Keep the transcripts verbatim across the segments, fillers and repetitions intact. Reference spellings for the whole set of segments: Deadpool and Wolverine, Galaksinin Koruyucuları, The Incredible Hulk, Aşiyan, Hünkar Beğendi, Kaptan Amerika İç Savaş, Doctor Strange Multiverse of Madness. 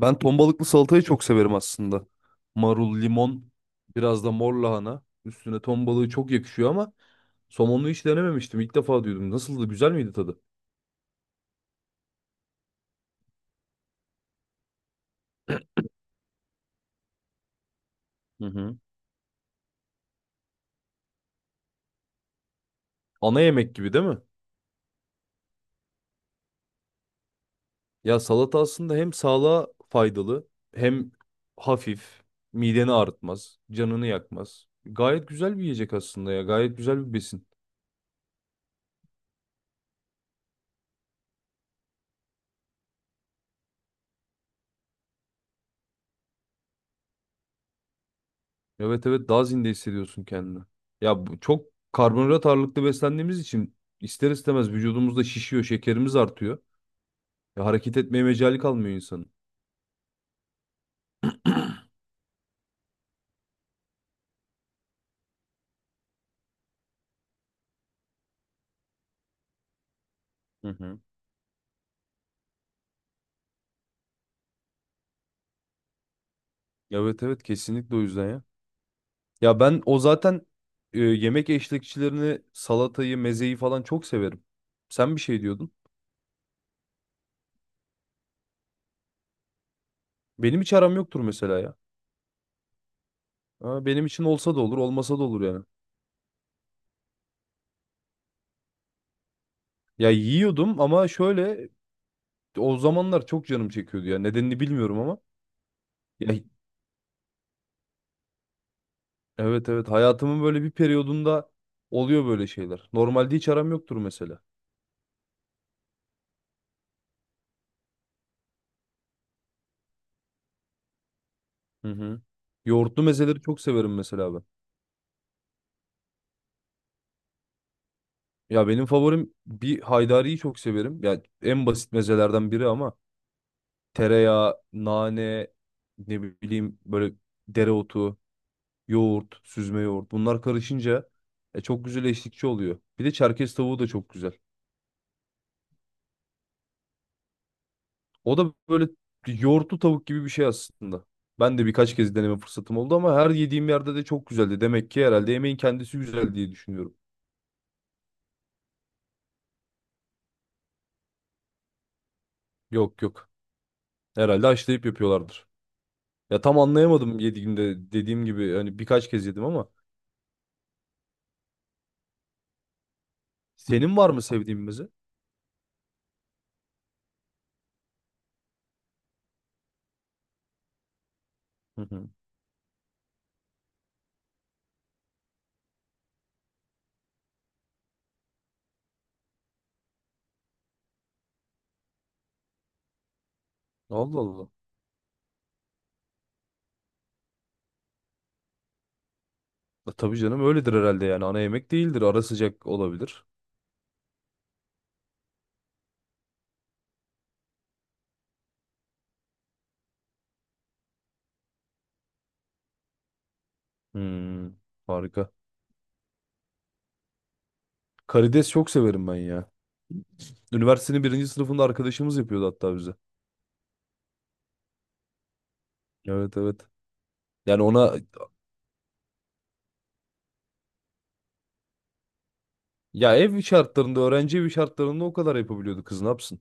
Ben ton balıklı salatayı çok severim aslında. Marul, limon, biraz da mor lahana. Üstüne ton balığı çok yakışıyor ama somonlu hiç denememiştim. İlk defa duydum. Nasıldı? Güzel miydi tadı? Hı hı. Ana yemek gibi değil mi? Ya salata aslında hem sağlığa faydalı hem hafif. Mideni ağrıtmaz, canını yakmaz. Gayet güzel bir yiyecek aslında ya. Gayet güzel bir besin. Evet evet, daha zinde hissediyorsun kendini. Ya bu- çok karbonhidrat ağırlıklı beslendiğimiz için ister istemez vücudumuzda şişiyor, şekerimiz artıyor. Ya hareket etmeye mecali kalmıyor insanın. Hı hı. Evet evet, kesinlikle o yüzden ya. Ya ben o zaten e, yemek eşlikçilerini, salatayı, mezeyi falan çok severim. Sen bir şey diyordun. Benim hiç aram yoktur mesela ya. Ha, benim için olsa da olur, olmasa da olur yani. Ya yiyordum ama şöyle o zamanlar çok canım çekiyordu ya. Nedenini bilmiyorum ama. Ya evet evet, hayatımın böyle bir periyodunda oluyor böyle şeyler. Normalde hiç aram yoktur mesela. Hı hı. Yoğurtlu mezeleri çok severim mesela ben. Ya benim favorim bir haydariyi çok severim. Ya en basit mezelerden biri ama tereyağı, nane, ne bileyim böyle dereotu, yoğurt, süzme yoğurt bunlar karışınca e, çok güzel eşlikçi oluyor. Bir de Çerkez tavuğu da çok güzel. O da böyle yoğurtlu tavuk gibi bir şey aslında. Ben de birkaç kez deneme fırsatım oldu ama her yediğim yerde de çok güzeldi. Demek ki herhalde yemeğin kendisi güzel diye düşünüyorum. Yok yok. Herhalde haşlayıp yapıyorlardır. Ya tam anlayamadım yediğimde, dediğim gibi hani birkaç kez yedim ama senin var mı sevdiğin meze? Hı hı. Allah Allah. Ya tabii canım, öyledir herhalde, yani ana yemek değildir. Ara sıcak olabilir. Hmm, harika. Karides çok severim ben ya. Üniversitenin birinci sınıfında arkadaşımız yapıyordu hatta bize. Evet evet. Yani ona Ya ev şartlarında, öğrenci evi şartlarında o kadar yapabiliyordu, kız ne yapsın?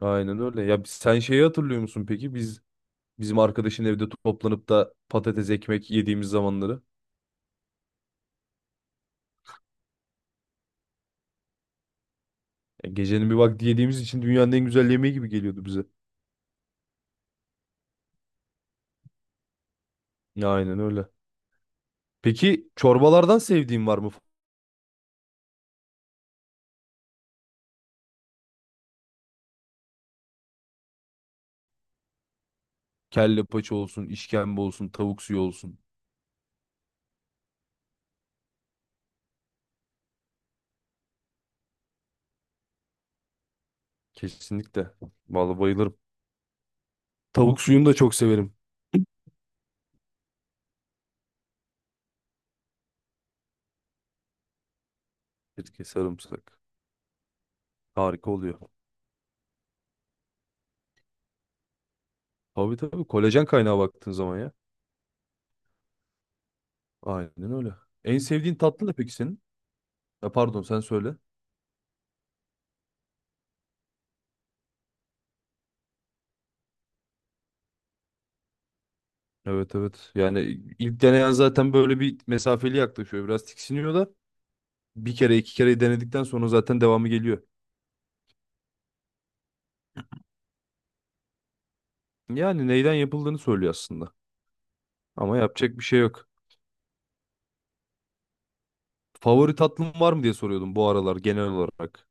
Aynen öyle. Ya biz- sen şeyi hatırlıyor musun peki? Biz bizim arkadaşın evde toplanıp da patates ekmek yediğimiz zamanları. Ya gecenin bir vakti yediğimiz için dünyanın en güzel yemeği gibi geliyordu bize. Aynen öyle. Peki çorbalardan sevdiğin var mı? Kelle paça olsun, işkembe olsun, tavuk suyu olsun. Kesinlikle. Vallahi bayılırım. Tavuk suyunu da çok severim. Sirke, sarımsak. Harika oluyor. Tabii tabii, kolajen kaynağı baktığın zaman ya. Aynen öyle. En sevdiğin tatlı ne peki senin? Ha, pardon, sen söyle. Evet evet. Yani ilk deneyen zaten böyle bir mesafeli yaklaşıyor. Biraz tiksiniyor da bir kere iki kere denedikten sonra zaten devamı geliyor. Yani neyden yapıldığını söylüyor aslında. Ama yapacak bir şey yok. Favori tatlım var mı diye soruyordum bu aralar genel olarak.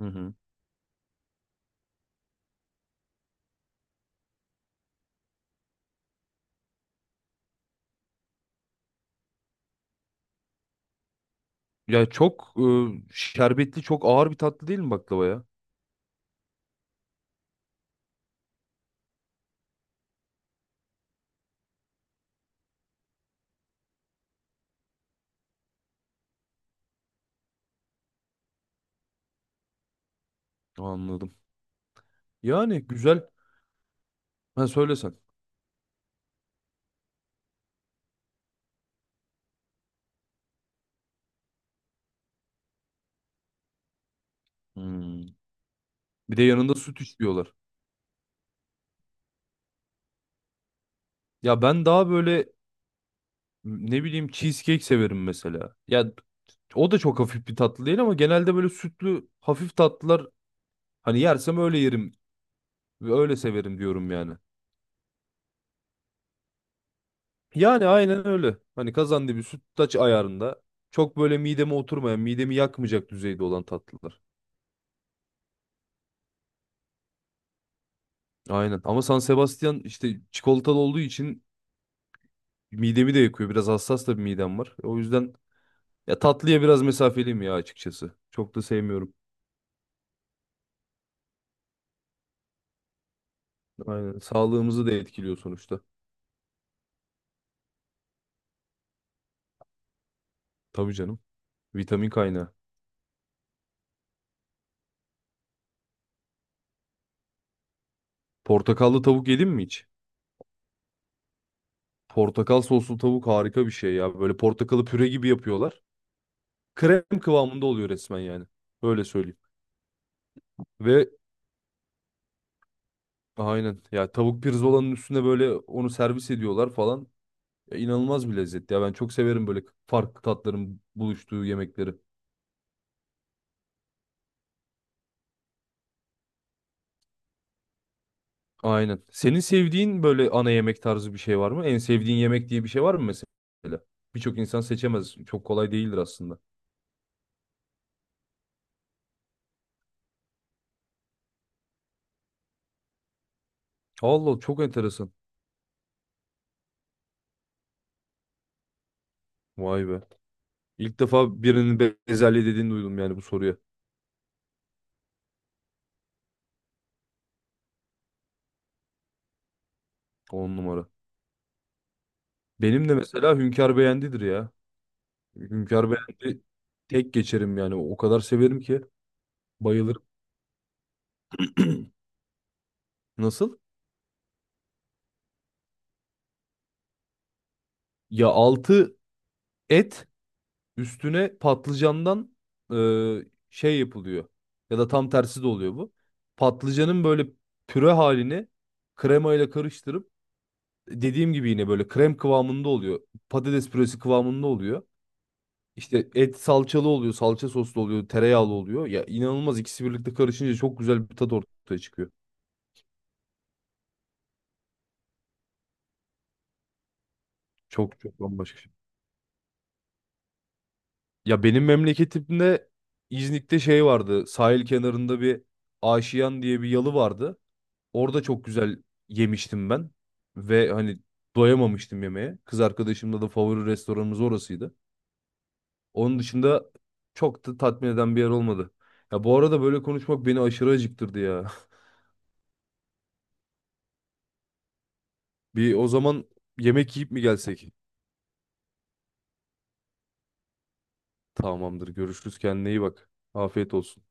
Hı hı. Ya çok e, şerbetli, çok ağır bir tatlı değil mi baklava ya? Anladım. Yani güzel. Ben söylesen. Hmm. Bir de yanında süt istiyorlar. Ya ben daha böyle ne bileyim, cheesecake severim mesela. Ya o da çok hafif bir tatlı değil ama genelde böyle sütlü hafif tatlılar, hani yersem öyle yerim ve öyle severim diyorum yani. Yani aynen öyle. Hani kazandibi sütlaç ayarında, çok böyle mideme oturmayan, midemi yakmayacak düzeyde olan tatlılar. Aynen. Ama San Sebastian işte çikolatalı olduğu için midemi de yakıyor. Biraz hassas da bir midem var. O yüzden ya tatlıya biraz mesafeliyim ya, açıkçası. Çok da sevmiyorum. Aynen. Sağlığımızı da etkiliyor sonuçta. Tabii canım. Vitamin kaynağı. Portakallı tavuk yedin mi hiç? Portakal soslu tavuk harika bir şey ya. Böyle portakalı püre gibi yapıyorlar. Krem kıvamında oluyor resmen yani. Öyle söyleyeyim. Ve aynen ya, tavuk pirzolanın üstüne böyle onu servis ediyorlar falan. Ya inanılmaz bir lezzet ya. Ben çok severim böyle farklı tatların buluştuğu yemekleri. Aynen. Senin sevdiğin böyle ana yemek tarzı bir şey var mı? En sevdiğin yemek diye bir şey var mı mesela? Birçok insan seçemez. Çok kolay değildir aslında. Allah, çok enteresan. Vay be. İlk defa birinin be- bezelye dediğini duydum yani bu soruya. On numara. Benim de mesela Hünkar Beğendi'dir ya. Hünkar Beğendi tek geçerim yani. O kadar severim ki bayılırım. Nasıl? Ya altı et, üstüne patlıcandan e, şey yapılıyor. Ya da tam tersi de oluyor bu. Patlıcanın böyle püre halini kremayla karıştırıp, dediğim gibi yine böyle krem kıvamında oluyor. Patates püresi kıvamında oluyor. İşte et salçalı oluyor, salça soslu oluyor, tereyağlı oluyor. Ya inanılmaz, ikisi birlikte karışınca çok güzel bir tat ortaya çıkıyor. Çok çok bambaşka şey. Ya benim memleketimde, İznik'te şey vardı. Sahil kenarında bir Aşiyan diye bir yalı vardı. Orada çok güzel yemiştim ben. Ve hani doyamamıştım yemeğe. Kız arkadaşımla da favori restoranımız orasıydı. Onun dışında çok da tatmin eden bir yer olmadı. Ya bu arada böyle konuşmak beni aşırı acıktırdı ya. Bir o zaman yemek yiyip mi gelsek? Tamamdır. Görüşürüz. Kendine iyi bak. Afiyet olsun.